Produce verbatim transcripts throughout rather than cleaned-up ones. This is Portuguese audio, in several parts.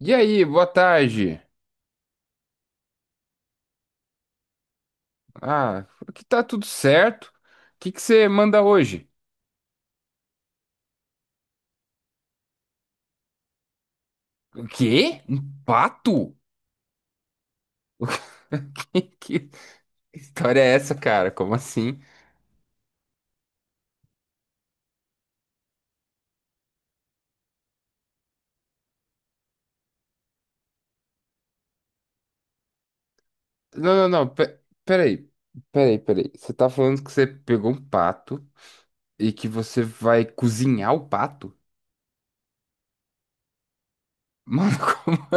E aí, boa tarde. Ah, aqui tá tudo certo. O que que você manda hoje? O quê? Um pato? Que, que história é essa, cara? Como assim? Não, não, não. pe- Peraí. Peraí, peraí. Você tá falando que você pegou um pato e que você vai cozinhar o pato? Mano, como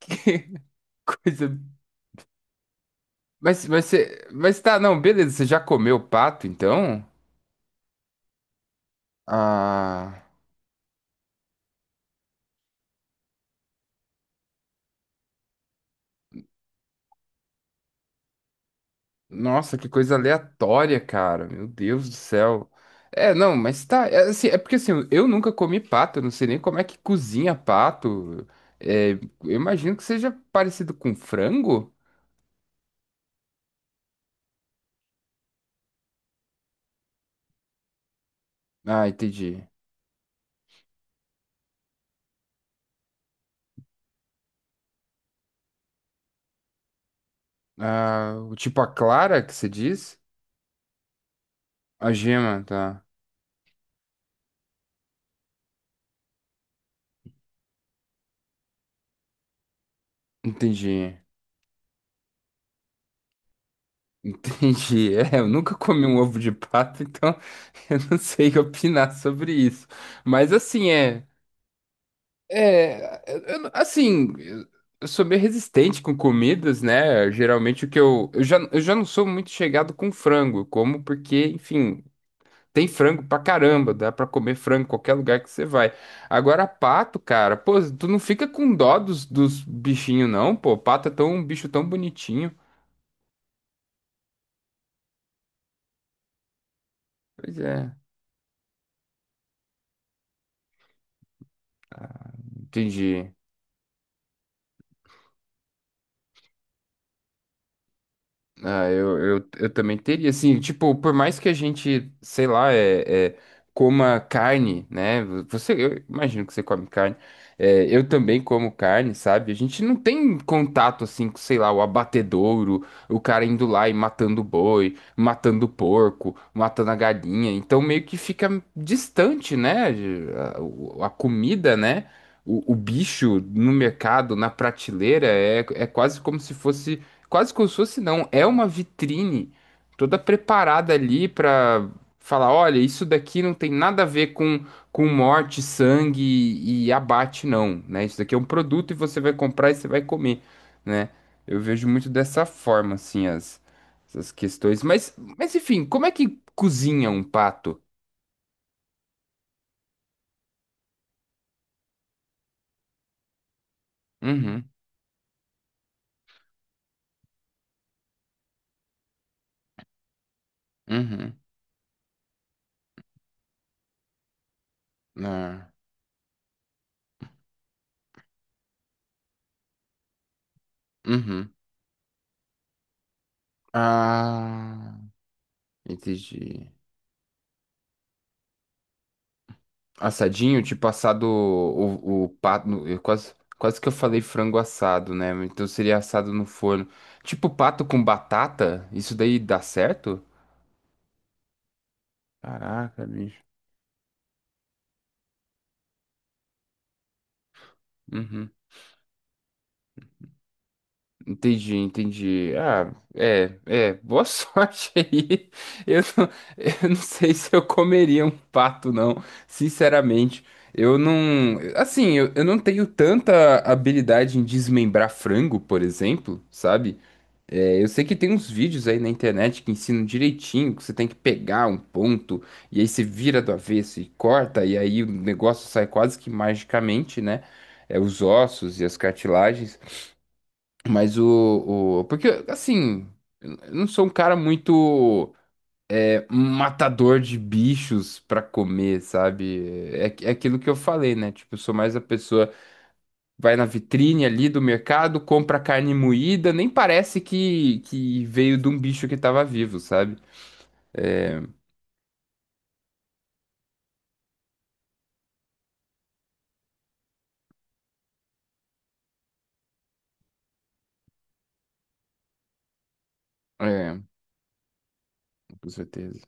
que coisa. Mas, mas você. Mas tá, não, beleza. Você já comeu o pato, então? Ah. Nossa, que coisa aleatória, cara. Meu Deus do céu. É, não, mas tá. É, assim, é porque assim, eu nunca comi pato, eu não sei nem como é que cozinha pato. É, eu imagino que seja parecido com frango. Ah, entendi. Ah, o tipo a clara que você diz? A gema, tá. Entendi. Entendi. É, eu nunca comi um ovo de pato, então eu não sei opinar sobre isso. Mas assim, é. É, eu- eu- assim, eu eu sou meio resistente com comidas, né? Geralmente o que eu, eu já, eu já não sou muito chegado com frango, eu como porque, enfim, tem frango pra caramba, dá pra comer frango em qualquer lugar que você vai. Agora, pato, cara, pô, tu não fica com dó dos, dos bichinhos, não, pô, pato é tão, um bicho tão bonitinho. Pois é, entendi. Ah, eu, eu, eu também teria, assim, tipo, por mais que a gente, sei lá, é, é, coma carne, né? Você, eu imagino que você come carne. É, eu também como carne, sabe? A gente não tem contato, assim, com, sei lá, o abatedouro, o cara indo lá e matando o boi, matando o porco, matando a galinha. Então, meio que fica distante, né? de- A, o- a comida, né? O, o bicho no mercado, na prateleira, é, é quase como se fosse quase como se fosse não, é uma vitrine toda preparada ali para falar, olha, isso daqui não tem nada a ver com com morte, sangue e abate não, né? Isso daqui é um produto e você vai comprar e você vai comer, né? Eu vejo muito dessa forma assim as essas questões, mas mas enfim, como é que cozinha um pato? Uhum, uhum, ah, uhum. Ah, entendi. Assadinho, tipo assado o, o pato. No- eu Quase, quase que eu falei frango assado, né? Então seria assado no forno. Tipo pato com batata? Isso daí dá certo? Caraca, bicho. Uhum. Entendi, entendi. Ah, é, é. Boa sorte aí. Eu não, eu não sei se eu comeria um pato, não. Sinceramente, eu não. Assim, eu, eu não tenho tanta habilidade em desmembrar frango, por exemplo, sabe? É, eu sei que tem uns vídeos aí na internet que ensinam direitinho, que você tem que pegar um ponto e aí você vira do avesso e corta, e aí o negócio sai quase que magicamente, né? É, os ossos e as cartilagens. Mas o, o- porque, assim, eu não sou um cara muito é, matador de bichos pra comer, sabe? É, é aquilo que eu falei, né? Tipo, eu sou mais a pessoa vai na vitrine ali do mercado, compra carne moída, nem parece que, que veio de um bicho que estava vivo, sabe? É, é, com certeza.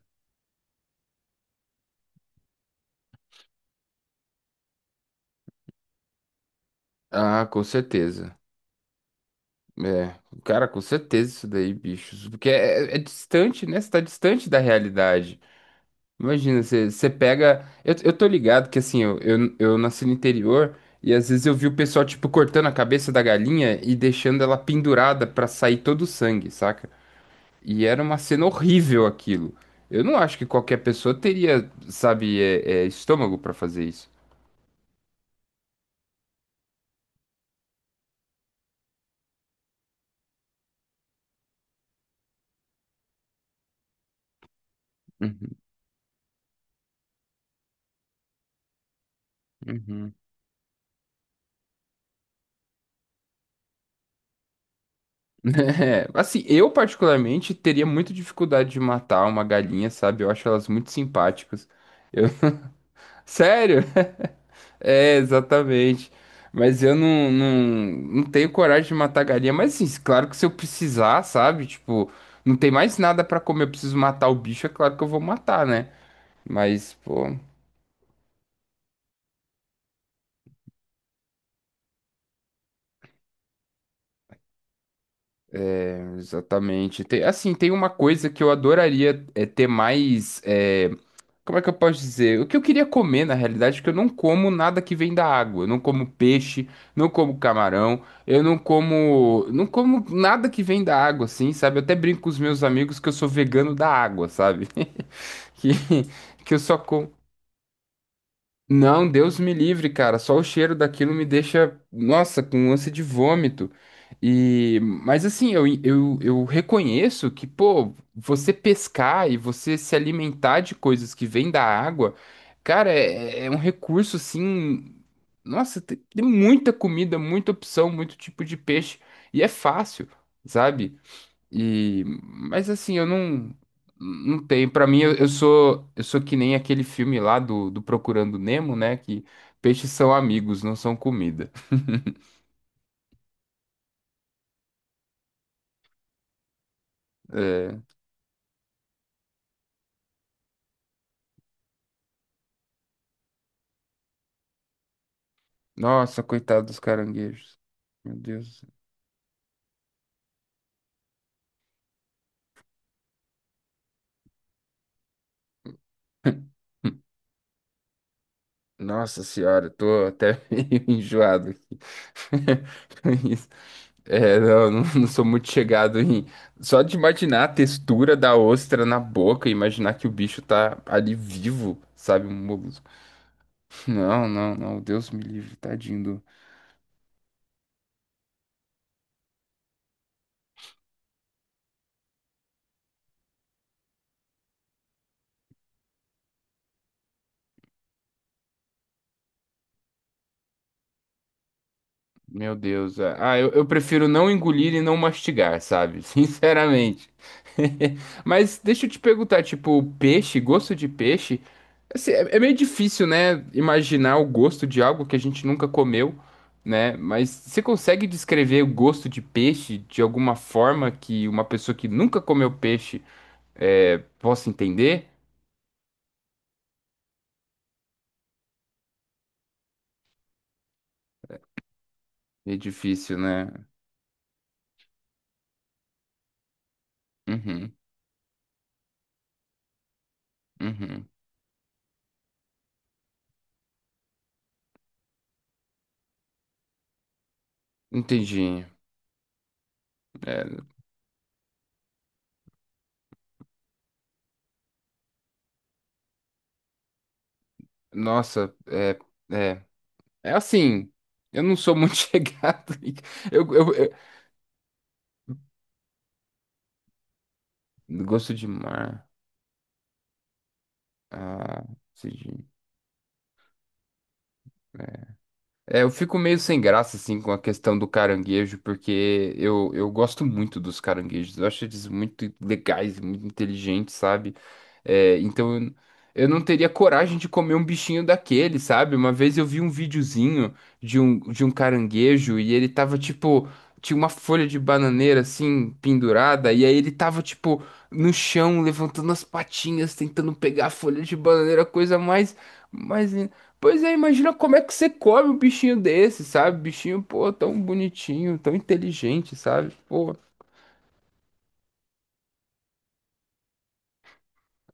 Ah, com certeza. É, cara, com certeza isso daí, bichos. Porque é, é distante, né? Você tá distante da realidade. Imagina, você, você pega. Eu, eu tô ligado que assim, eu, eu, eu nasci no interior e às vezes eu vi o pessoal, tipo, cortando a cabeça da galinha e deixando ela pendurada pra sair todo o sangue, saca? E era uma cena horrível aquilo. Eu não acho que qualquer pessoa teria, sabe, é, é, estômago pra fazer isso. Uhum, uhum. É, assim, eu particularmente teria muita dificuldade de matar uma galinha, sabe? Eu acho elas muito simpáticas. Eu... Sério? É, exatamente. Mas eu não, não, não tenho coragem de matar galinha. Mas assim, claro que se eu precisar, sabe? Tipo, não tem mais nada pra comer, eu preciso matar o bicho, é claro que eu vou matar, né? Mas, pô. Exatamente. Tem- assim, tem uma coisa que eu adoraria é, ter mais. É, como é que eu posso dizer? O que eu queria comer, na realidade, é que eu não como nada que vem da água. Eu não como peixe, não como camarão, eu não como. Não como nada que vem da água, assim, sabe? Eu até brinco com os meus amigos que eu sou vegano da água, sabe? Que, que eu só como. Não, Deus me livre, cara. Só o cheiro daquilo me deixa, nossa, com ânsia de vômito. E, mas assim, eu, eu, eu reconheço que, pô, você pescar e você se alimentar de coisas que vêm da água, cara, é, é é um recurso assim. Nossa, tem, tem muita comida, muita opção, muito tipo de peixe. E é fácil, sabe? E, mas assim, eu não, não tenho. Pra mim, eu, eu sou, eu sou que nem aquele filme lá do, do Procurando Nemo, né? Que peixes são amigos, não são comida. É, nossa, coitado dos caranguejos. Meu Deus. Nossa senhora, eu tô até meio enjoado aqui. Com isso. É, não, não, não sou muito chegado em. Só de imaginar a textura da ostra na boca, imaginar que o bicho tá ali vivo, sabe? Um molusco. Não, não, não. Deus me livre, tadinho do... Meu Deus. é. Ah, eu, eu prefiro não engolir e não mastigar, sabe? Sinceramente. Mas deixa eu te perguntar, tipo, peixe, gosto de peixe? Assim, é, é meio difícil, né? Imaginar o gosto de algo que a gente nunca comeu, né? Mas você consegue descrever o gosto de peixe de alguma forma que uma pessoa que nunca comeu peixe é, possa entender? É difícil, né? Uhum, uhum. Entendi. É, nossa, é, é, é assim. Eu não sou muito chegado. em- Eu, eu, eu- Gosto de mar. Ah, decidi. É, eu fico meio sem graça, assim, com a questão do caranguejo, porque eu, eu gosto muito dos caranguejos. Eu acho eles muito legais, muito inteligentes, sabe? É, então eu, eu não teria coragem de comer um bichinho daquele, sabe? Uma vez eu vi um videozinho de um, de um caranguejo e ele tava, tipo, tinha uma folha de bananeira, assim, pendurada, e aí ele tava, tipo, no chão, levantando as patinhas, tentando pegar a folha de bananeira, coisa mais... Mas pois é, imagina como é que você come um bichinho desse, sabe? Bichinho, pô, tão bonitinho, tão inteligente, sabe? Pô.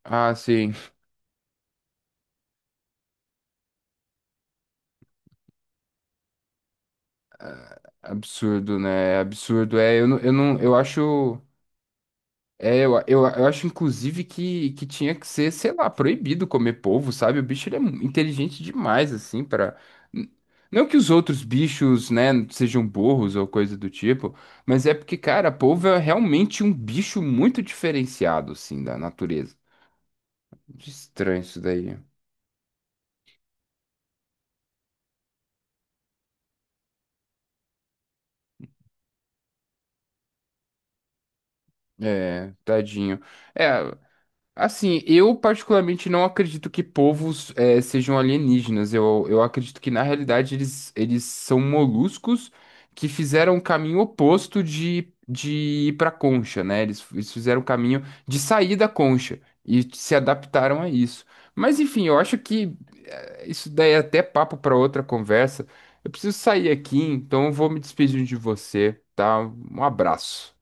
Ah, sim. Absurdo, né? Absurdo. É, eu não, eu não, eu acho, é, eu, eu, eu acho inclusive que, que tinha que ser, sei lá, proibido comer polvo, sabe? O bicho ele é mu- inteligente demais assim para não que os outros bichos, né, sejam burros ou coisa do tipo, mas é porque, cara, polvo é realmente um bicho muito diferenciado assim da natureza. Muito estranho isso daí. É, tadinho. É, assim, eu particularmente não acredito que povos é, sejam alienígenas. Eu, eu acredito que, na realidade, eles, eles são moluscos que fizeram o caminho oposto de, de ir pra concha, né? Eles, eles fizeram o caminho de sair da concha e se adaptaram a isso. Mas, enfim, eu acho que é, isso daí é até papo pra outra conversa. Eu preciso sair aqui, então eu vou me despedir de você, tá? Um abraço.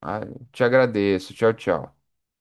Ah, te agradeço. Tchau, tchau.